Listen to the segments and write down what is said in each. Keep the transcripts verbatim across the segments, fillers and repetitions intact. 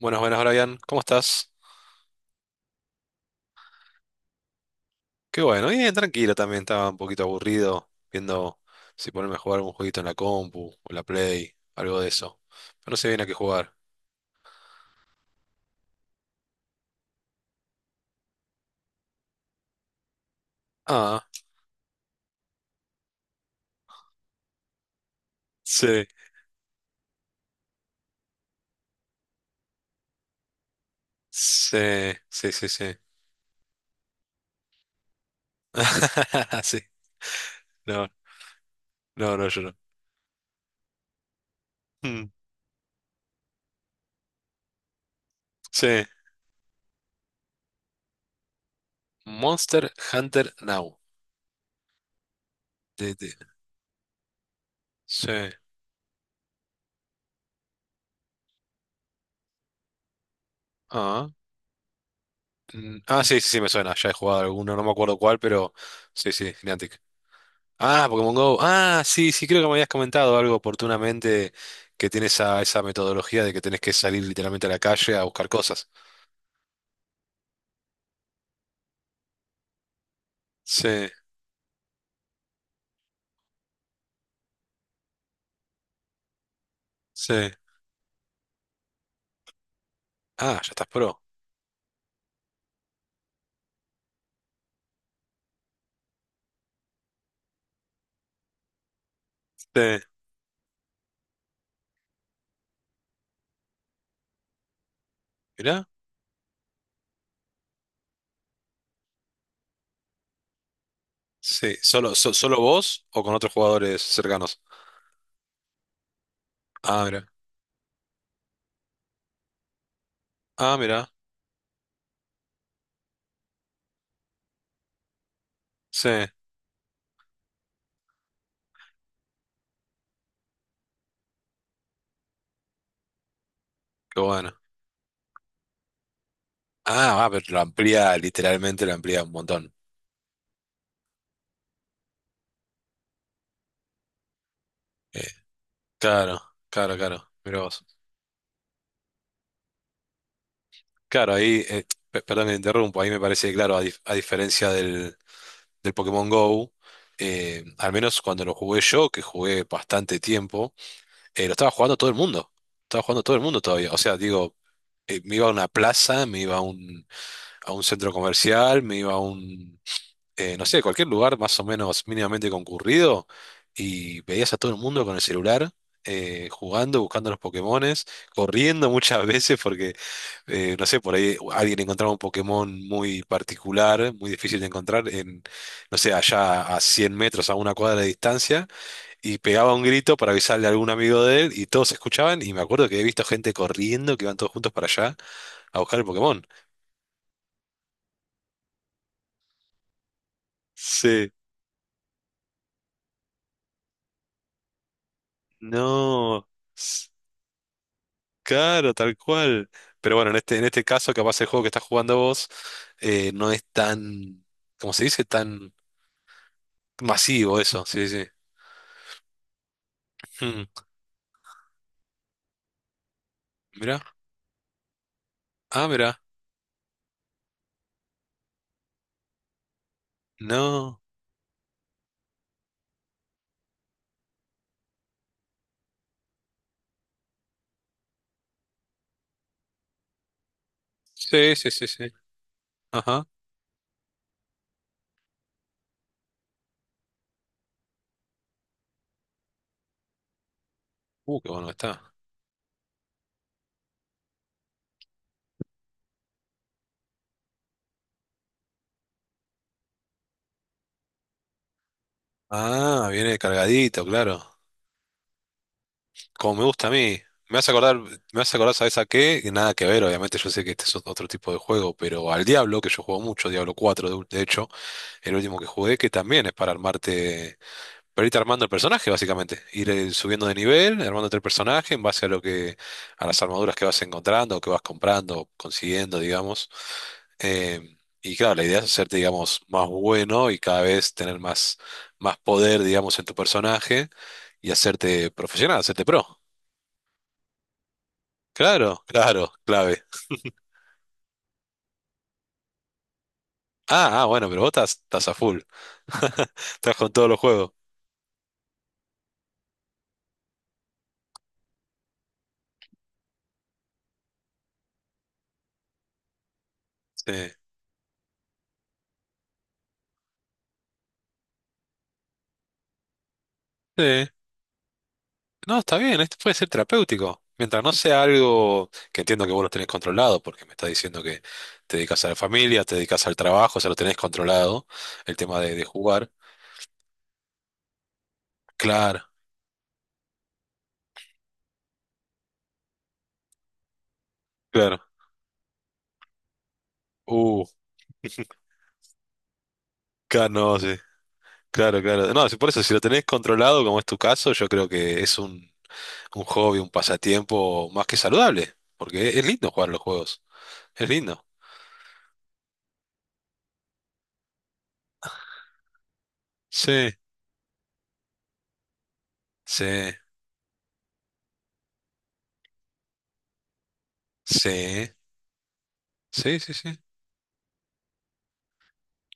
Buenas, buenas, Brian. ¿Cómo estás? Qué bueno, bien, tranquilo también. Estaba un poquito aburrido viendo si ponerme a jugar algún jueguito en la compu o en la Play, algo de eso. Pero no sé bien a qué jugar. Ah, sí, sí, sí, sí, sí. Sí, no, no, no, yo no. Mm. Sí. Monster Hunter Now. de- de- Sí, ah, mm, ah, sí, sí, sí, me suena. Ya he jugado alguno, no me acuerdo cuál, pero sí, sí, Niantic. Ah, Pokémon Go. Ah, sí, sí, creo que me habías comentado algo oportunamente que tiene esa, esa metodología de que tenés que salir literalmente a la calle a buscar cosas. Sí, sí. Ah, ya estás pro. Sí. Mirá. Sí. ¿Solo, so- solo vos o con otros jugadores cercanos? Ah, mirá. Ah, mirá. Sí. Qué bueno. Ah, ah, pero lo amplía, literalmente lo amplía un montón. Eh, claro, claro, claro. Mirá vos. Claro, ahí, eh, pe- perdón que te interrumpo, ahí me parece, que, claro, a, dif- a diferencia del del Pokémon Go, eh, al menos cuando lo jugué yo, que jugué bastante tiempo, eh, lo estaba jugando todo el mundo. Estaba jugando todo el mundo todavía. O sea, digo, eh, me iba a una plaza, me iba a un, a un centro comercial, me iba a un, eh, no sé, cualquier lugar más o menos mínimamente concurrido y veías a todo el mundo con el celular. eh, jugando, buscando los Pokémones, corriendo muchas veces porque eh, no sé, por ahí alguien encontraba un Pokémon muy particular, muy difícil de encontrar, en, no sé, allá a cien metros, a una cuadra de distancia, y pegaba un grito para avisarle a algún amigo de él, y todos escuchaban, y me acuerdo que he visto gente corriendo, que iban todos juntos para allá a buscar el Pokémon. Sí, no, s- claro, tal cual. Pero bueno, en este, en este caso, capaz el juego que estás jugando vos eh, no es tan, ¿cómo se dice? Tan masivo eso, sí, sí. Hmm, mirá, ah, mirá, no. Sí, sí, sí, sí. Ajá. Uh, qué bueno que está. Ah, viene cargadito, claro. Como me gusta a mí. Me vas a acordar, me vas a acordar, ¿sabes a qué? Que nada que ver, obviamente yo sé que este es otro tipo de juego, pero al Diablo, que yo juego mucho, Diablo cuatro, de, de hecho, el último que jugué, que también es para armarte. Pero ahorita armando el personaje, básicamente. Ir eh, subiendo de nivel, armándote el personaje en base a lo que, a las armaduras que vas encontrando, o que vas comprando, o consiguiendo, digamos. Eh, y claro, la idea es hacerte, digamos, más bueno y cada vez tener más, más poder, digamos, en tu personaje y hacerte profesional, hacerte pro. Claro, claro, clave. Ah, ah, bueno, pero vos estás, estás a full. Estás con todos los juegos. Sí. Sí. No, está bien, esto puede ser terapéutico. Mientras no sea algo que entiendo que vos lo tenés controlado, porque me estás diciendo que te dedicas a la familia, te dedicas al trabajo, o sea, lo tenés controlado, el tema de, de jugar. Claro, claro. Uh, claro, no, sí. Claro, claro. No, sí, por eso, si lo tenés controlado, como es tu caso, yo creo que es un, un hobby, un pasatiempo más que saludable, porque es, es lindo jugar los juegos. Es lindo. Sí, sí, sí, sí, sí, sí.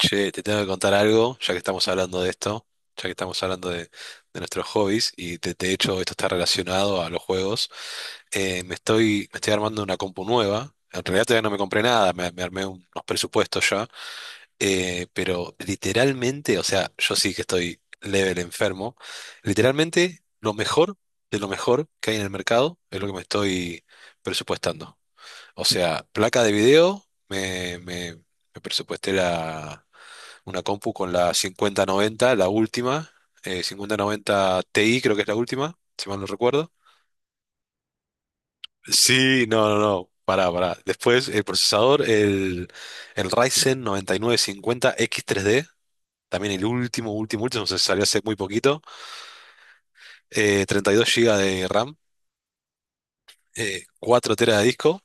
Che, te tengo que contar algo, ya que estamos hablando de esto, ya que estamos hablando de, de nuestros hobbies, y de, de hecho esto está relacionado a los juegos. Eh, me estoy, me estoy armando una compu nueva. En realidad todavía no me compré nada, me, me armé un- unos presupuestos ya. eh, pero literalmente, o sea, yo sí que estoy level enfermo. Literalmente, lo mejor de lo mejor que hay en el mercado es lo que me estoy presupuestando. O sea, placa de video, me, me, me presupuesté la, una compu con la cincuenta noventa, la última, eh, cincuenta noventa Ti creo que es la última, si mal no recuerdo. Sí, no, no, no, pará, pará. Después el procesador, el, el Ryzen 9950X3D, también el último, último, último, se salió hace muy poquito, eh, treinta y dos gigas de RAM, eh, cuatro teras de disco.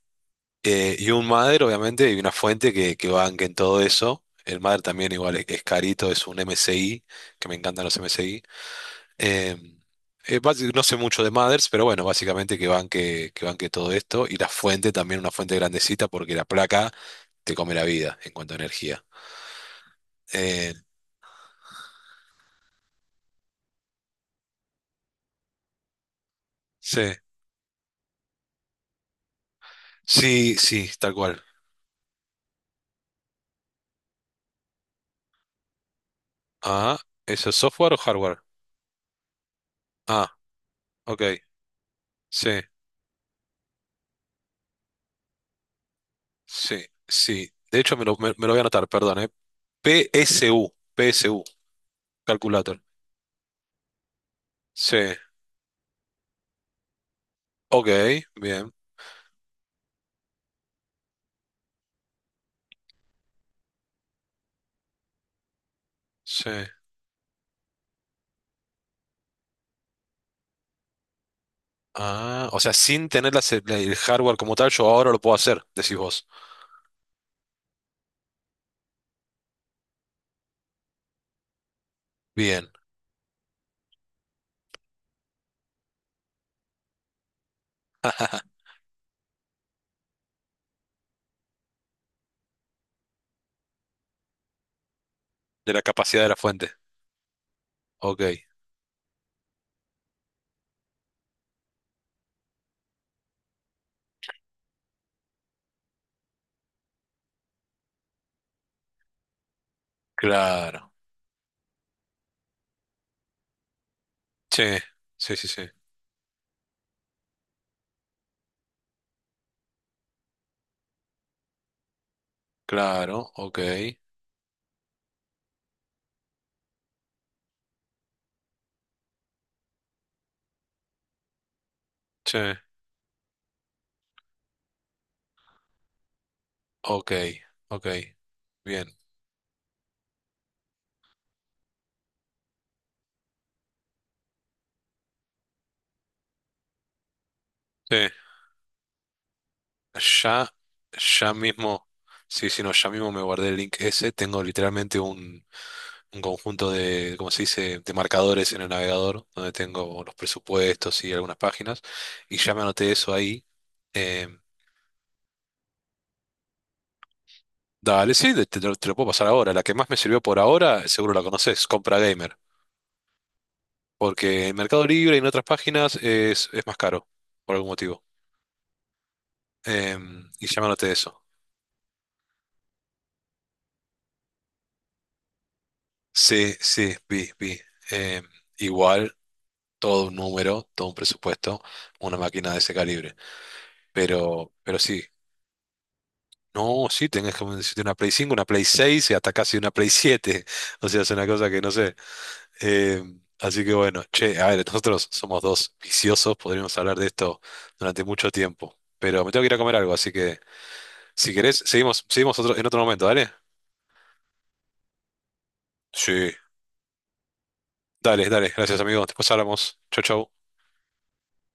Eh, y un Mother, obviamente, y una fuente que, que banque en todo eso. El Mother también igual es, es carito, es un M S I, que me encantan los M S I. Eh, eh, basi- no sé mucho de Mothers, pero bueno, básicamente que banque, que banque todo esto. Y la fuente también, una fuente grandecita, porque la placa te come la vida en cuanto a energía. Eh, sí, sí, sí, tal cual. Ah, ¿eso es software o hardware? Ah, ok, sí, sí, sí. De hecho, me lo, me- me lo voy a anotar, perdón, eh. P S U, P S U. Calculator. Sí. Ok, bien. Sí. Ah, o sea, sin tener la ce- la- el hardware como tal, yo ahora lo puedo hacer, decís vos. Bien. De la capacidad de la fuente. Ok, claro. Sí, sí, sí, sí. Claro, ok. Sí, ok, ok. Bien. Sí. Ya, ya mismo. Sí, sí, no, ya mismo me guardé el link ese. Tengo literalmente un. un conjunto de, ¿cómo se dice?, de marcadores en el navegador, donde tengo los presupuestos y algunas páginas, y ya me anoté eso ahí. Eh, dale, sí, te, te lo te lo puedo pasar ahora. La que más me sirvió por ahora, seguro la conoces, Compra Gamer, porque en Mercado Libre y en otras páginas es, es más caro, por algún motivo. Em, y ya me anoté eso. Sí, sí, vi, vi. Em, igual, todo un número, todo un presupuesto, una máquina de ese calibre. Pero, pero sí, no, sí, tenés como decirte una Play cinco, una Play seis, y hasta casi una Play siete. O sea, es una cosa que no sé. Eh, así que bueno, che, a ver, nosotros somos dos viciosos, podríamos hablar de esto durante mucho tiempo. Pero me tengo que ir a comer algo, así que si querés, seguimos, seguimos otro, en otro momento, ¿dale? Sí. Dale, dale, gracias amigo. Después hablamos. Chau, chau.